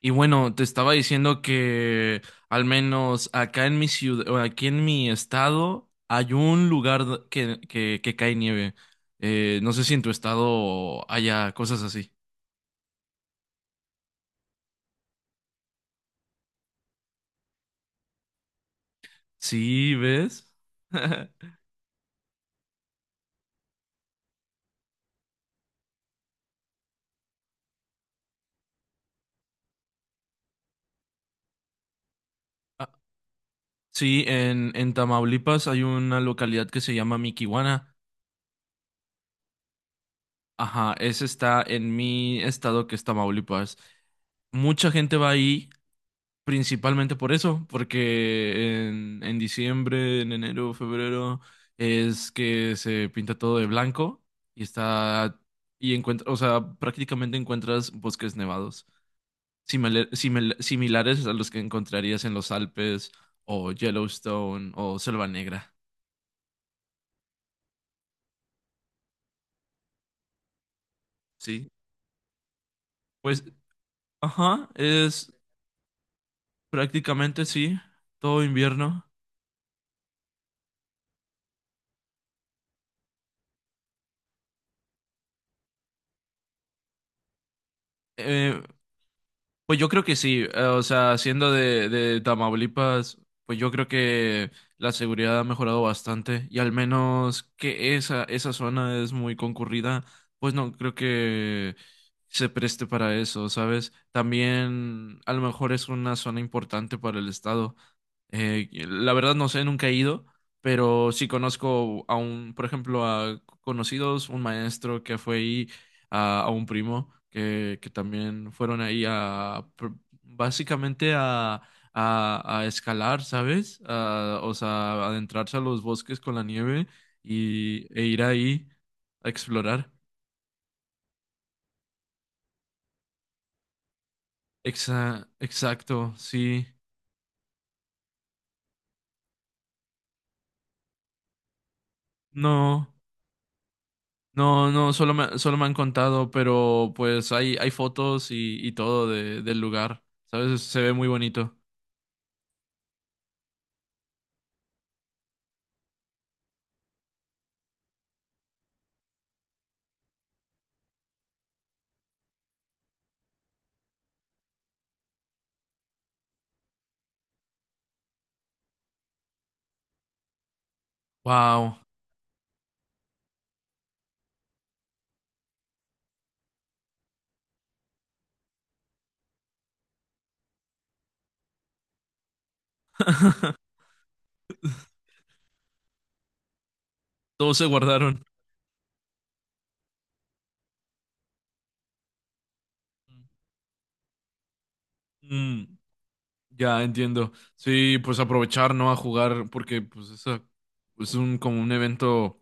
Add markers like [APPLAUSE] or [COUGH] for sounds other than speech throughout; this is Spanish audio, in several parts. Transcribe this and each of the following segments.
Y bueno, te estaba diciendo que al menos acá en mi ciudad, o aquí en mi estado, hay un lugar que cae nieve. No sé si en tu estado haya cosas así. Sí, ¿ves? [LAUGHS] Ah, sí, en Tamaulipas hay una localidad que se llama Miquihuana. Ajá, ese está en mi estado, que es Tamaulipas. Mucha gente va ahí, principalmente por eso, porque en diciembre, en enero, febrero, es que se pinta todo de blanco y está, y encuentra, o sea, prácticamente encuentras bosques nevados, similares a los que encontrarías en los Alpes o Yellowstone o Selva Negra. Sí. Pues, ajá, es prácticamente sí, todo invierno. Eh, Pues yo creo que sí, o sea, siendo de Tamaulipas, pues yo creo que la seguridad ha mejorado bastante y al menos que esa zona es muy concurrida, pues no creo que se preste para eso, ¿sabes? También a lo mejor es una zona importante para el estado. La verdad no sé, nunca he ido, pero sí conozco a un, por ejemplo, a conocidos, un maestro que fue ahí a un primo que también fueron ahí a básicamente a escalar, ¿sabes? A, o sea, adentrarse a los bosques con la nieve y, e ir ahí a explorar. Exacto, sí. No, no, no, solo me han contado, pero pues hay fotos y todo de, del lugar, ¿sabes? Se ve muy bonito. Wow. [LAUGHS] Todos se guardaron. Mm. Ya entiendo. Sí, pues aprovechar, ¿no? A jugar, porque pues eso es un como un evento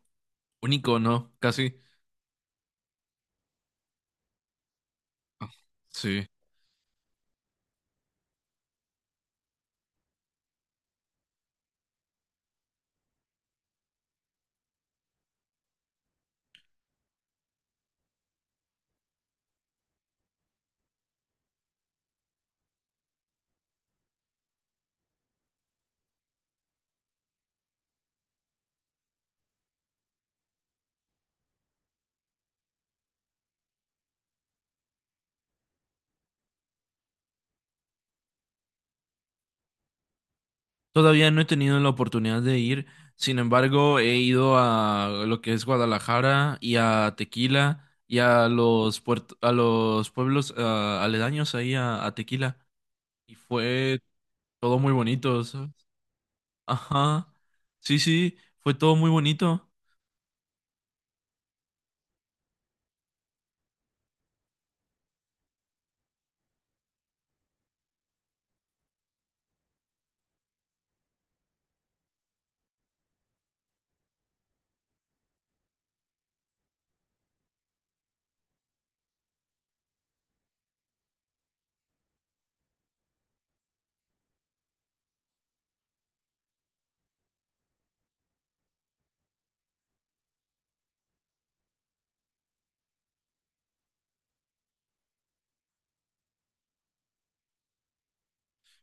único, ¿no? Casi. Sí. Todavía no he tenido la oportunidad de ir. Sin embargo, he ido a lo que es Guadalajara y a Tequila y a los a los pueblos ah, aledaños ahí a Tequila. Y fue todo muy bonito, ¿sabes? Ajá. Sí, sí, fue todo muy bonito.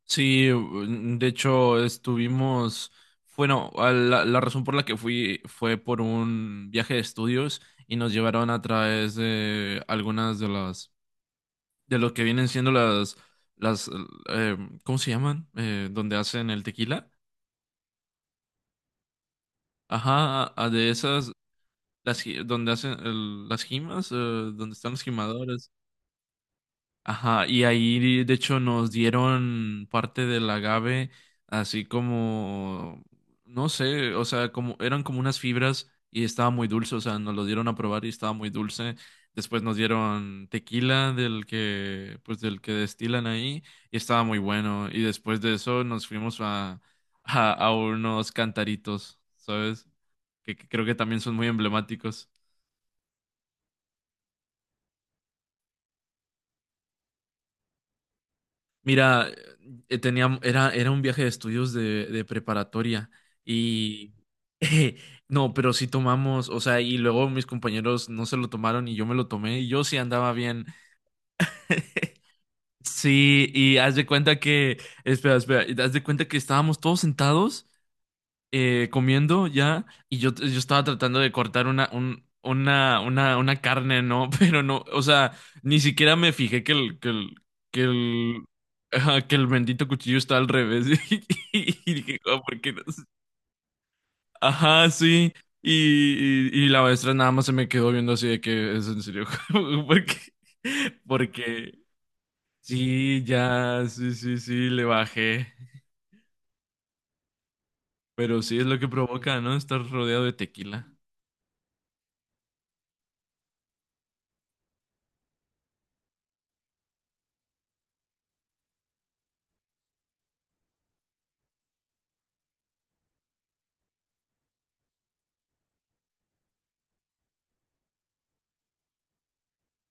Sí, mm, de hecho estuvimos, bueno, a la, la razón por la que fui fue por un viaje de estudios y nos llevaron a través de algunas de las, de lo que vienen siendo las, eh, ¿cómo se llaman? Donde hacen el tequila. Ajá, a- de esas, las, ji- donde hacen el- las jimas, donde están los jimadores. Ajá, y ahí de hecho nos dieron parte del agave, así como, no sé, o sea, como eran como unas fibras y estaba muy dulce, o sea, nos lo dieron a probar y estaba muy dulce. Después nos dieron tequila del que, pues del que destilan ahí y estaba muy bueno. Y después de eso nos fuimos a unos cantaritos, ¿sabes? Que creo que también son muy emblemáticos. Mira, tenía, era, era un viaje de estudios de preparatoria y [LAUGHS] no, pero sí tomamos, o sea, y luego mis compañeros no se lo tomaron y yo me lo tomé y yo sí andaba bien. [LAUGHS] Sí, y haz de cuenta que, espera, espera, y haz de cuenta que estábamos todos sentados comiendo ya y yo estaba tratando de cortar una, una carne, ¿no? [LAUGHS] Pero no, o sea, ni siquiera me fijé que que el, ajá, que el bendito cuchillo está al revés. [LAUGHS] Y, dije, "Ah, ¿por qué no? Ajá, sí. Y la maestra nada más se me quedó viendo así de que es en serio. [LAUGHS] Porque, porque sí, ya, sí, sí, sí, le bajé. Pero sí es lo que provoca, ¿no? Estar rodeado de tequila.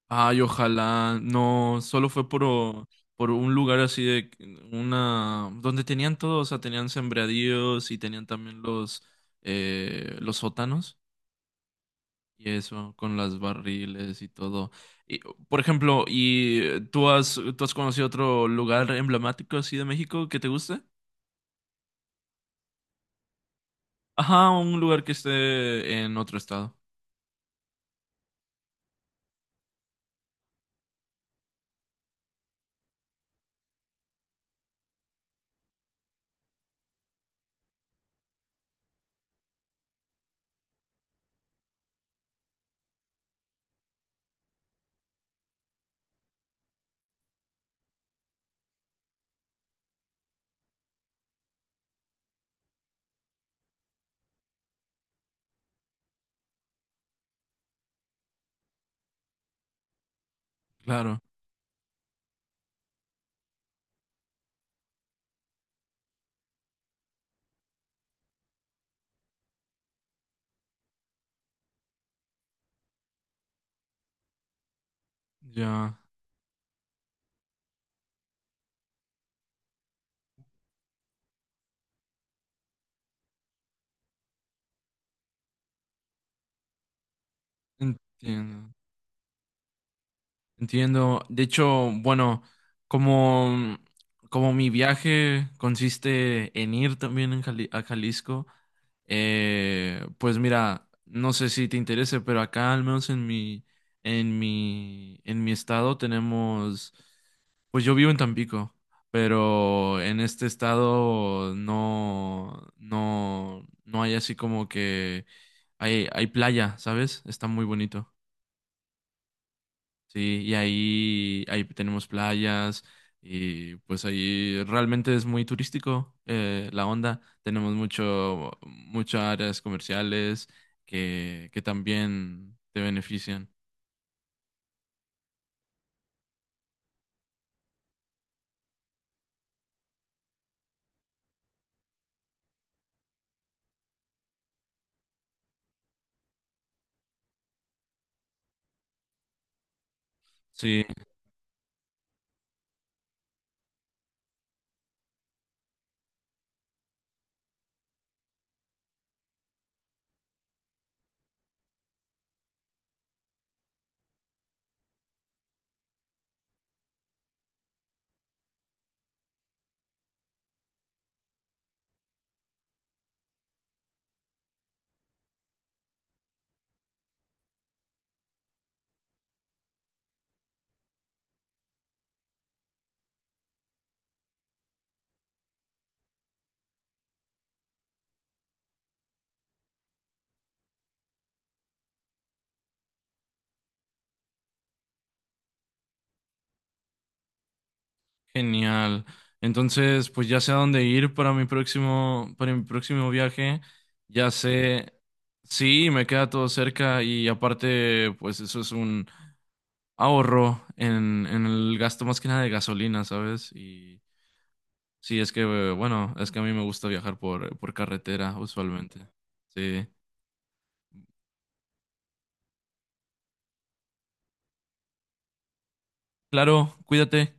Ay, ojalá. No, solo fue por, o- por un lugar así de una donde tenían todo, o sea, tenían sembradíos y tenían también los sótanos y eso, con las barriles y todo. Y, por ejemplo, ¿y tú has conocido otro lugar emblemático así de México que te guste? Ajá, un lugar que esté en otro estado. Claro, ya entiendo. Entiendo. De hecho, bueno, como, como mi viaje consiste en ir también en a Jalisco, pues mira, no sé si te interese, pero acá al menos en mi, en mi estado tenemos, pues yo vivo en Tampico, pero en este estado no, no, no hay así como que hay playa, ¿sabes? Está muy bonito. Sí, y ahí, ahí tenemos playas y pues ahí realmente es muy turístico la onda. Tenemos mucho, muchas áreas comerciales que también te benefician. Sí, genial. Entonces, pues ya sé a dónde ir para mi próximo viaje. Ya sé, sí, me queda todo cerca y aparte, pues eso es un ahorro en el gasto más que nada de gasolina, ¿sabes? Y sí, es que, bueno, es que a mí me gusta viajar por carretera usualmente. Sí. Claro, cuídate.